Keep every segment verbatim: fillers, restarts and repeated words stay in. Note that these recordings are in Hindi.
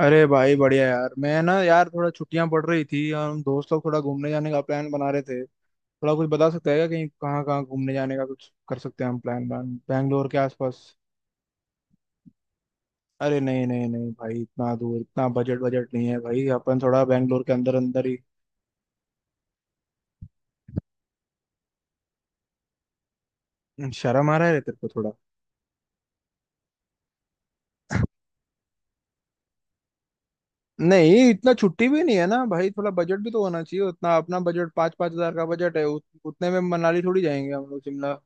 अरे भाई, बढ़िया यार। मैं ना यार थोड़ा छुट्टियां पड़ रही थी और हम दोस्त लोग थोड़ा घूमने जाने का प्लान बना रहे थे। थोड़ा कुछ बता सकते हैं क्या, कहीं कहाँ कहाँ घूमने जाने का कुछ कर सकते हैं हम? प्लान प्लान बैंगलोर के आसपास। अरे नहीं नहीं नहीं भाई, इतना दूर, इतना बजट बजट नहीं है भाई, अपन थोड़ा बैंगलोर के अंदर अंदर ही। शर्म आ रहा है तेरे को थोड़ा? नहीं, इतना छुट्टी भी नहीं है ना भाई, थोड़ा बजट भी तो होना चाहिए उतना। अपना बजट पाँच पाँच हजार का बजट है, उत, उतने में मनाली थोड़ी जाएंगे हम लोग, शिमला।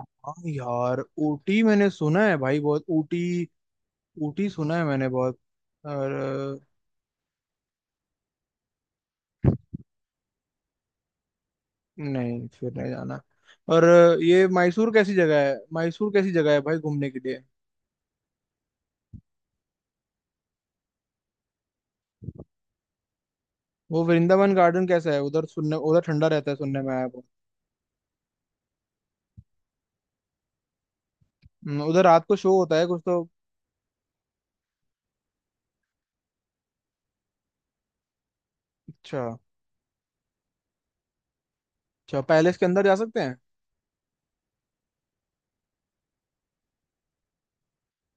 हाँ यार, ऊटी मैंने सुना है भाई, बहुत। ऊटी ऊटी सुना है मैंने बहुत। और अ, नहीं, फिर नहीं जाना। और अ, ये मैसूर कैसी जगह है? मैसूर कैसी जगह है भाई घूमने के लिए? वो वृंदावन गार्डन कैसा है उधर, सुनने उधर ठंडा रहता है, सुनने में आया वो। हम्म, उधर रात को शो होता है कुछ तो? अच्छा। अच्छा, पैलेस के अंदर जा सकते हैं?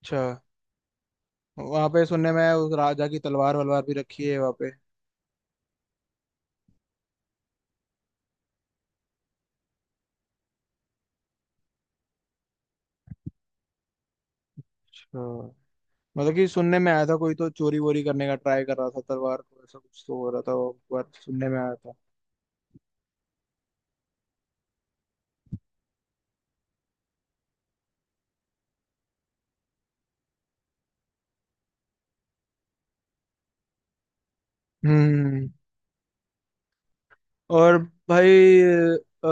अच्छा। वहाँ पे सुनने में आया उस राजा की तलवार वलवार भी रखी है वहाँ पे। अच्छा। मतलब कि सुनने में आया था, कोई तो चोरी वोरी करने का ट्राई कर रहा था तलवार को, ऐसा कुछ तो हो रहा था, वो एक बार सुनने में आया था। हम्म। और भाई, अ,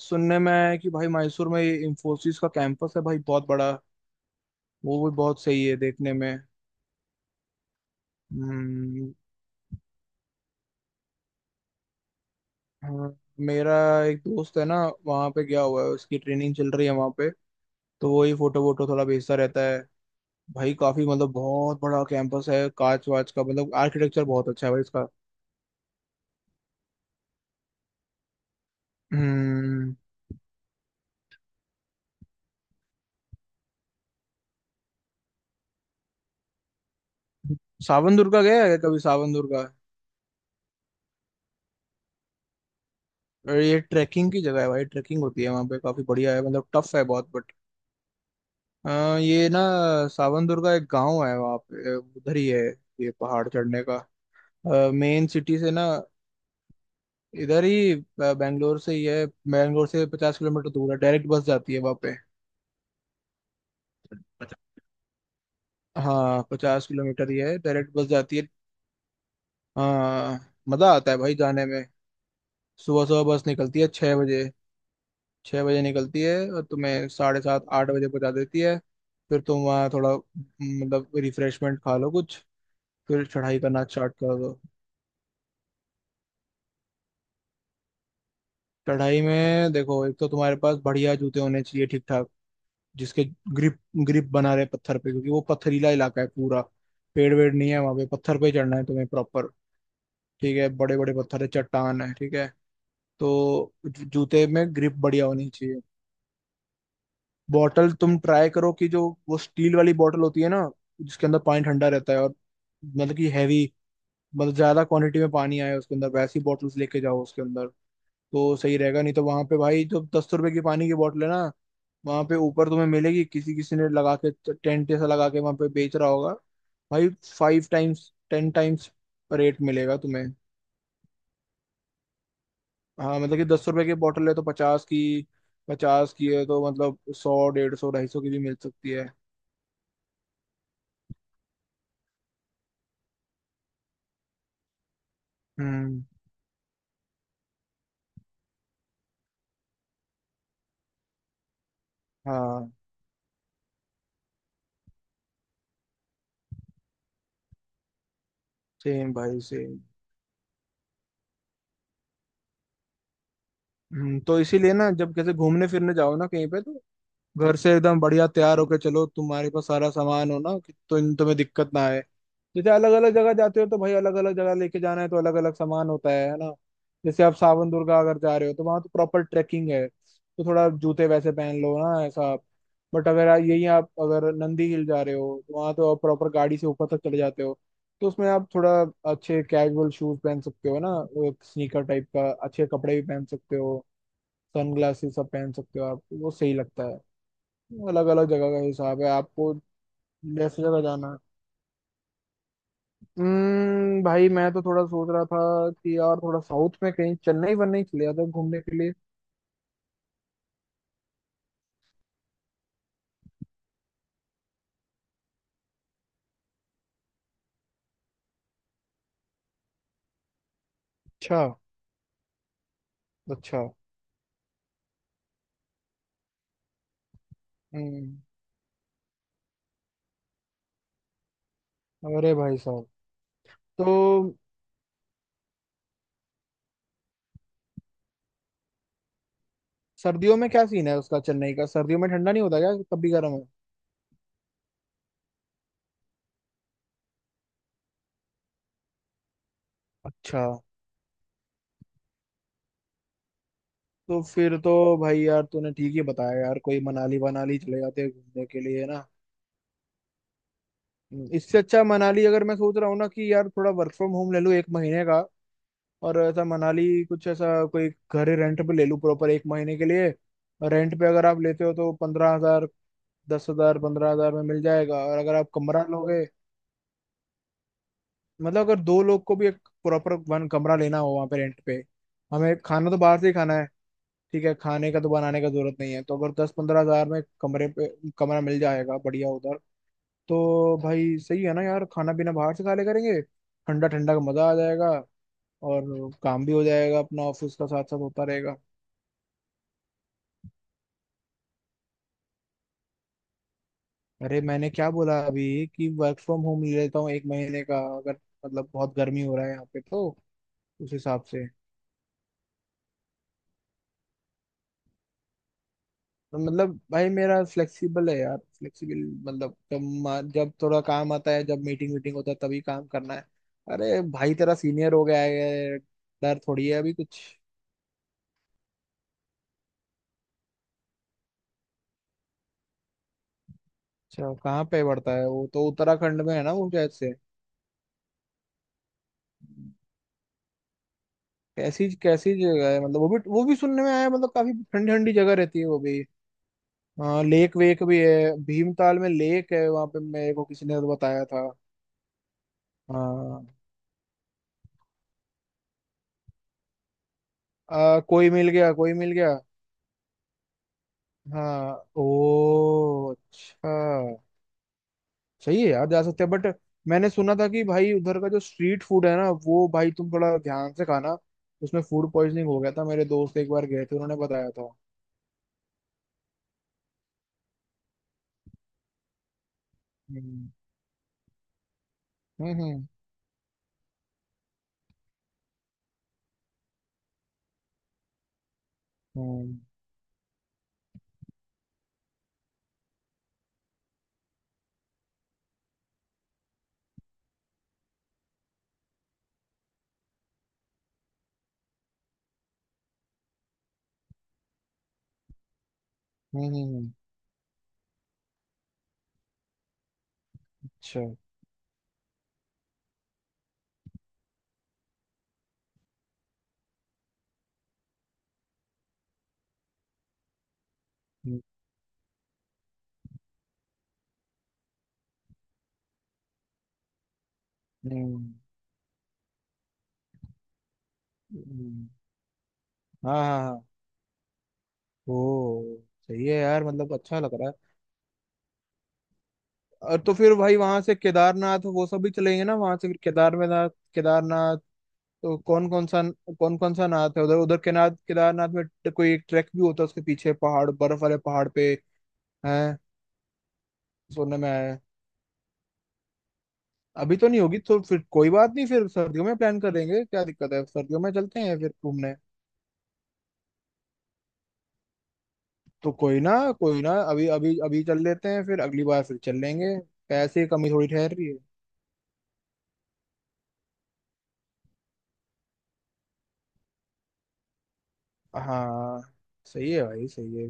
सुनने में आया है कि भाई मैसूर में ये इंफोसिस का कैंपस है भाई, बहुत बड़ा। वो भी बहुत सही है देखने में। हम्म। हाँ, मेरा एक दोस्त है ना, वहाँ पे गया हुआ है, उसकी ट्रेनिंग चल रही है वहाँ पे। तो वो ही फोटो वोटो थोड़ा भेजता रहता है। भाई काफी, मतलब बहुत बड़ा कैंपस है, कांच वाच का मतलब आर्किटेक्चर बहुत अच्छा है भाई इसका। हम्म। सावन दुर्गा गया है कभी? सावन दुर्गा। और ये ट्रैकिंग की जगह है भाई, ट्रैकिंग होती है वहाँ पे, काफी बढ़िया है, मतलब टफ है बहुत। अ, ये ना, सावन दुर्गा एक गांव है वहाँ पे, अ, उधर ही है। ये पहाड़ चढ़ने का। मेन सिटी से ना, इधर ही, अ, बैंगलोर से ही है, बैंगलोर से पचास किलोमीटर दूर है, डायरेक्ट बस जाती है वहाँ पे। अच्छा, हाँ पचास किलोमीटर ही है, डायरेक्ट बस जाती है। हाँ, मजा आता है भाई जाने में। सुबह सुबह बस निकलती है छः बजे। छः बजे निकलती है और तुम्हें साढ़े सात आठ बजे पहुँचा देती है। फिर तुम वहाँ थोड़ा म, मतलब रिफ्रेशमेंट खा लो कुछ, फिर चढ़ाई करना स्टार्ट कर दो। कढ़ाई में देखो, एक तो तुम्हारे पास बढ़िया जूते होने चाहिए ठीक ठाक, जिसके ग्रिप ग्रिप बना रहे पत्थर पे, क्योंकि वो पथरीला इलाका है पूरा। पेड़ वेड़ नहीं है वहां पे, पत्थर पे चढ़ना है तुम्हें प्रॉपर। ठीक है, बड़े बड़े पत्थर है, चट्टान है, ठीक है। तो जू- जूते में ग्रिप बढ़िया होनी चाहिए। बॉटल तुम ट्राई करो कि जो वो स्टील वाली बॉटल होती है ना, जिसके अंदर पानी ठंडा रहता है, और मतलब कि हैवी, मतलब ज्यादा क्वांटिटी में पानी आए उसके अंदर, वैसी बॉटल्स लेके जाओ उसके अंदर तो सही रहेगा। नहीं तो वहां पे भाई जो दस रुपए की पानी की बोतल है ना, वहां पे ऊपर तुम्हें मिलेगी, किसी किसी ने लगा के टेंट ऐसा लगा के वहां पे बेच रहा होगा भाई। Five times ten times rate मिलेगा तुम्हें। हाँ, मतलब कि दस रुपए की बोतल है तो पचास की, पचास की है तो मतलब सौ, डेढ़ सौ, ढाई सौ की भी मिल सकती है। हम्म। हाँ, सेम भाई सेम। हम्म, तो इसीलिए ना जब कैसे घूमने फिरने जाओ ना कहीं पे, तो घर से एकदम बढ़िया तैयार होके चलो, तुम्हारे पास सारा सामान हो ना कि, तो तुम्हें दिक्कत ना आए। जैसे अलग अलग जगह जाते हो तो भाई, अलग अलग जगह लेके जाना है तो अलग अलग सामान होता है है ना? जैसे आप सावन दुर्गा अगर जा रहे हो तो वहां तो प्रॉपर ट्रैकिंग है, तो थोड़ा जूते वैसे पहन लो ना ऐसा। बट अगर आ- यही आप अगर नंदी हिल जा रहे हो तो वहां तो आप प्रॉपर गाड़ी से ऊपर तक चले जाते हो, तो उसमें आप थोड़ा अच्छे कैजुअल शूज पहन सकते हो ना, स्नीकर टाइप का, अच्छे कपड़े भी पहन सकते हो, सनग्लासेस सब पहन सकते हो आप, वो सही लगता है। अलग अलग जगह का हिसाब है आपको, जैसे जगह जाना है। हम्म, भाई मैं तो थोड़ा सोच रहा था कि यार थोड़ा साउथ में कहीं चेन्नई वन्नई चले जाता घूमने के लिए। अच्छा, अच्छा। हम्म। अरे भाई साहब! तो सर्दियों में क्या सीन है उसका, चेन्नई का सर्दियों में ठंडा नहीं होता क्या, कभी गर्म है? अच्छा। तो फिर तो भाई, यार तूने ठीक ही बताया यार, कोई मनाली वनाली चले जाते हैं घूमने के लिए ना। हम्म, इससे अच्छा मनाली। अगर मैं सोच रहा हूँ ना कि यार थोड़ा वर्क फ्रॉम होम ले लूँ एक महीने का, और ऐसा मनाली कुछ ऐसा, कोई घर रेंट पे ले लूँ प्रॉपर एक महीने के लिए। और रेंट पे अगर आप लेते हो तो पंद्रह हजार, दस हजार पंद्रह हजार में मिल जाएगा। और अगर आप कमरा लोगे, मतलब अगर दो लोग को भी एक प्रॉपर वन कमरा लेना हो वहाँ पे रेंट पे, हमें खाना तो बाहर से ही खाना है, ठीक है, खाने का तो बनाने का जरूरत नहीं है, तो अगर दस पंद्रह हजार में कमरे पे कमरा मिल जाएगा बढ़िया उधर, तो भाई सही है ना यार, खाना पीना बाहर से खा ले करेंगे, ठंडा ठंडा का मजा आ जाएगा। और काम भी हो जाएगा अपना, ऑफिस का साथ साथ होता रहेगा। अरे मैंने क्या बोला अभी कि वर्क फ्रॉम होम ले लेता हूँ एक महीने का, अगर मतलब बहुत गर्मी हो रहा है यहाँ पे तो उस हिसाब से। तो मतलब भाई मेरा फ्लेक्सिबल है यार, फ्लेक्सिबल, मतलब जब मा- जब थोड़ा काम आता है, जब मीटिंग वीटिंग होता है तभी काम करना है। अरे भाई तेरा सीनियर हो गया है, डर थोड़ी है अभी कुछ। अच्छा, कहाँ पे पड़ता है वो, तो उत्तराखंड में है ना वो शायद से? कैसी कैसी जगह है, मतलब वो भी वो भी सुनने में आया है, मतलब काफी ठंडी ठंडी जगह रहती है वो भी। हाँ, लेक वेक भी है, भीमताल में लेक है वहां पे, मेरे को किसी ने तो बताया था। हाँ। आ, कोई मिल गया, कोई मिल गया। हाँ ओ अच्छा। सही है यार, जा सकते हैं, बट मैंने सुना था कि भाई उधर का जो स्ट्रीट फूड है ना, वो भाई तुम थोड़ा ध्यान से खाना, उसमें फूड पॉइजनिंग हो गया था, मेरे दोस्त एक बार गए थे उन्होंने बताया था। हम्म। हम्म। हम्म। हम्म। हम्म। हम्म। अच्छा। हम्म। हम्म। हम्म। हाँ हाँ हाँ। ओ सही है यार, मतलब अच्छा लग रहा है। और तो फिर भाई वहां से केदारनाथ वो सब भी चलेंगे ना, वहां से फिर केदार केदारनाथ। केदारनाथ। तो कौन कौन सा कौन कौन सा नाथ है उधर उधर केनाथ केदारनाथ में ट- कोई एक ट्रैक भी होता है उसके पीछे पहाड़, बर्फ वाले पहाड़ पे है। सुनने में आया है। अभी तो नहीं होगी, तो फिर कोई बात नहीं, फिर सर्दियों में प्लान करेंगे, क्या दिक्कत है, सर्दियों में चलते हैं फिर घूमने। तो कोई ना, कोई ना, अभी अभी अभी चल लेते हैं, फिर अगली बार फिर चल लेंगे। पैसे की कमी थोड़ी ठहर रही है। हाँ सही है भाई, सही है।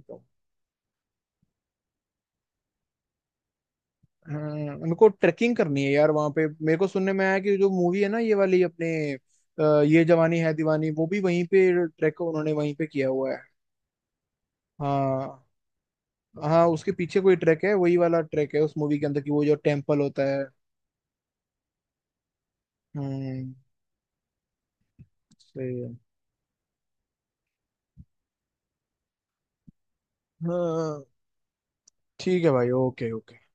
हाँ, मेरे को ट्रेकिंग करनी है यार वहां पे, मेरे को सुनने में आया कि जो मूवी है ना ये वाली अपने, अ, ये जवानी है दीवानी, वो भी वहीं पे ट्रैक उन्होंने वहीं पे किया हुआ है। हाँ, हाँ उसके पीछे कोई ट्रैक है, वही वाला ट्रैक है उस मूवी के अंदर की, वो जो टेम्पल होता है। हम्म। सही है। हाँ ठीक है भाई, ओके ओके।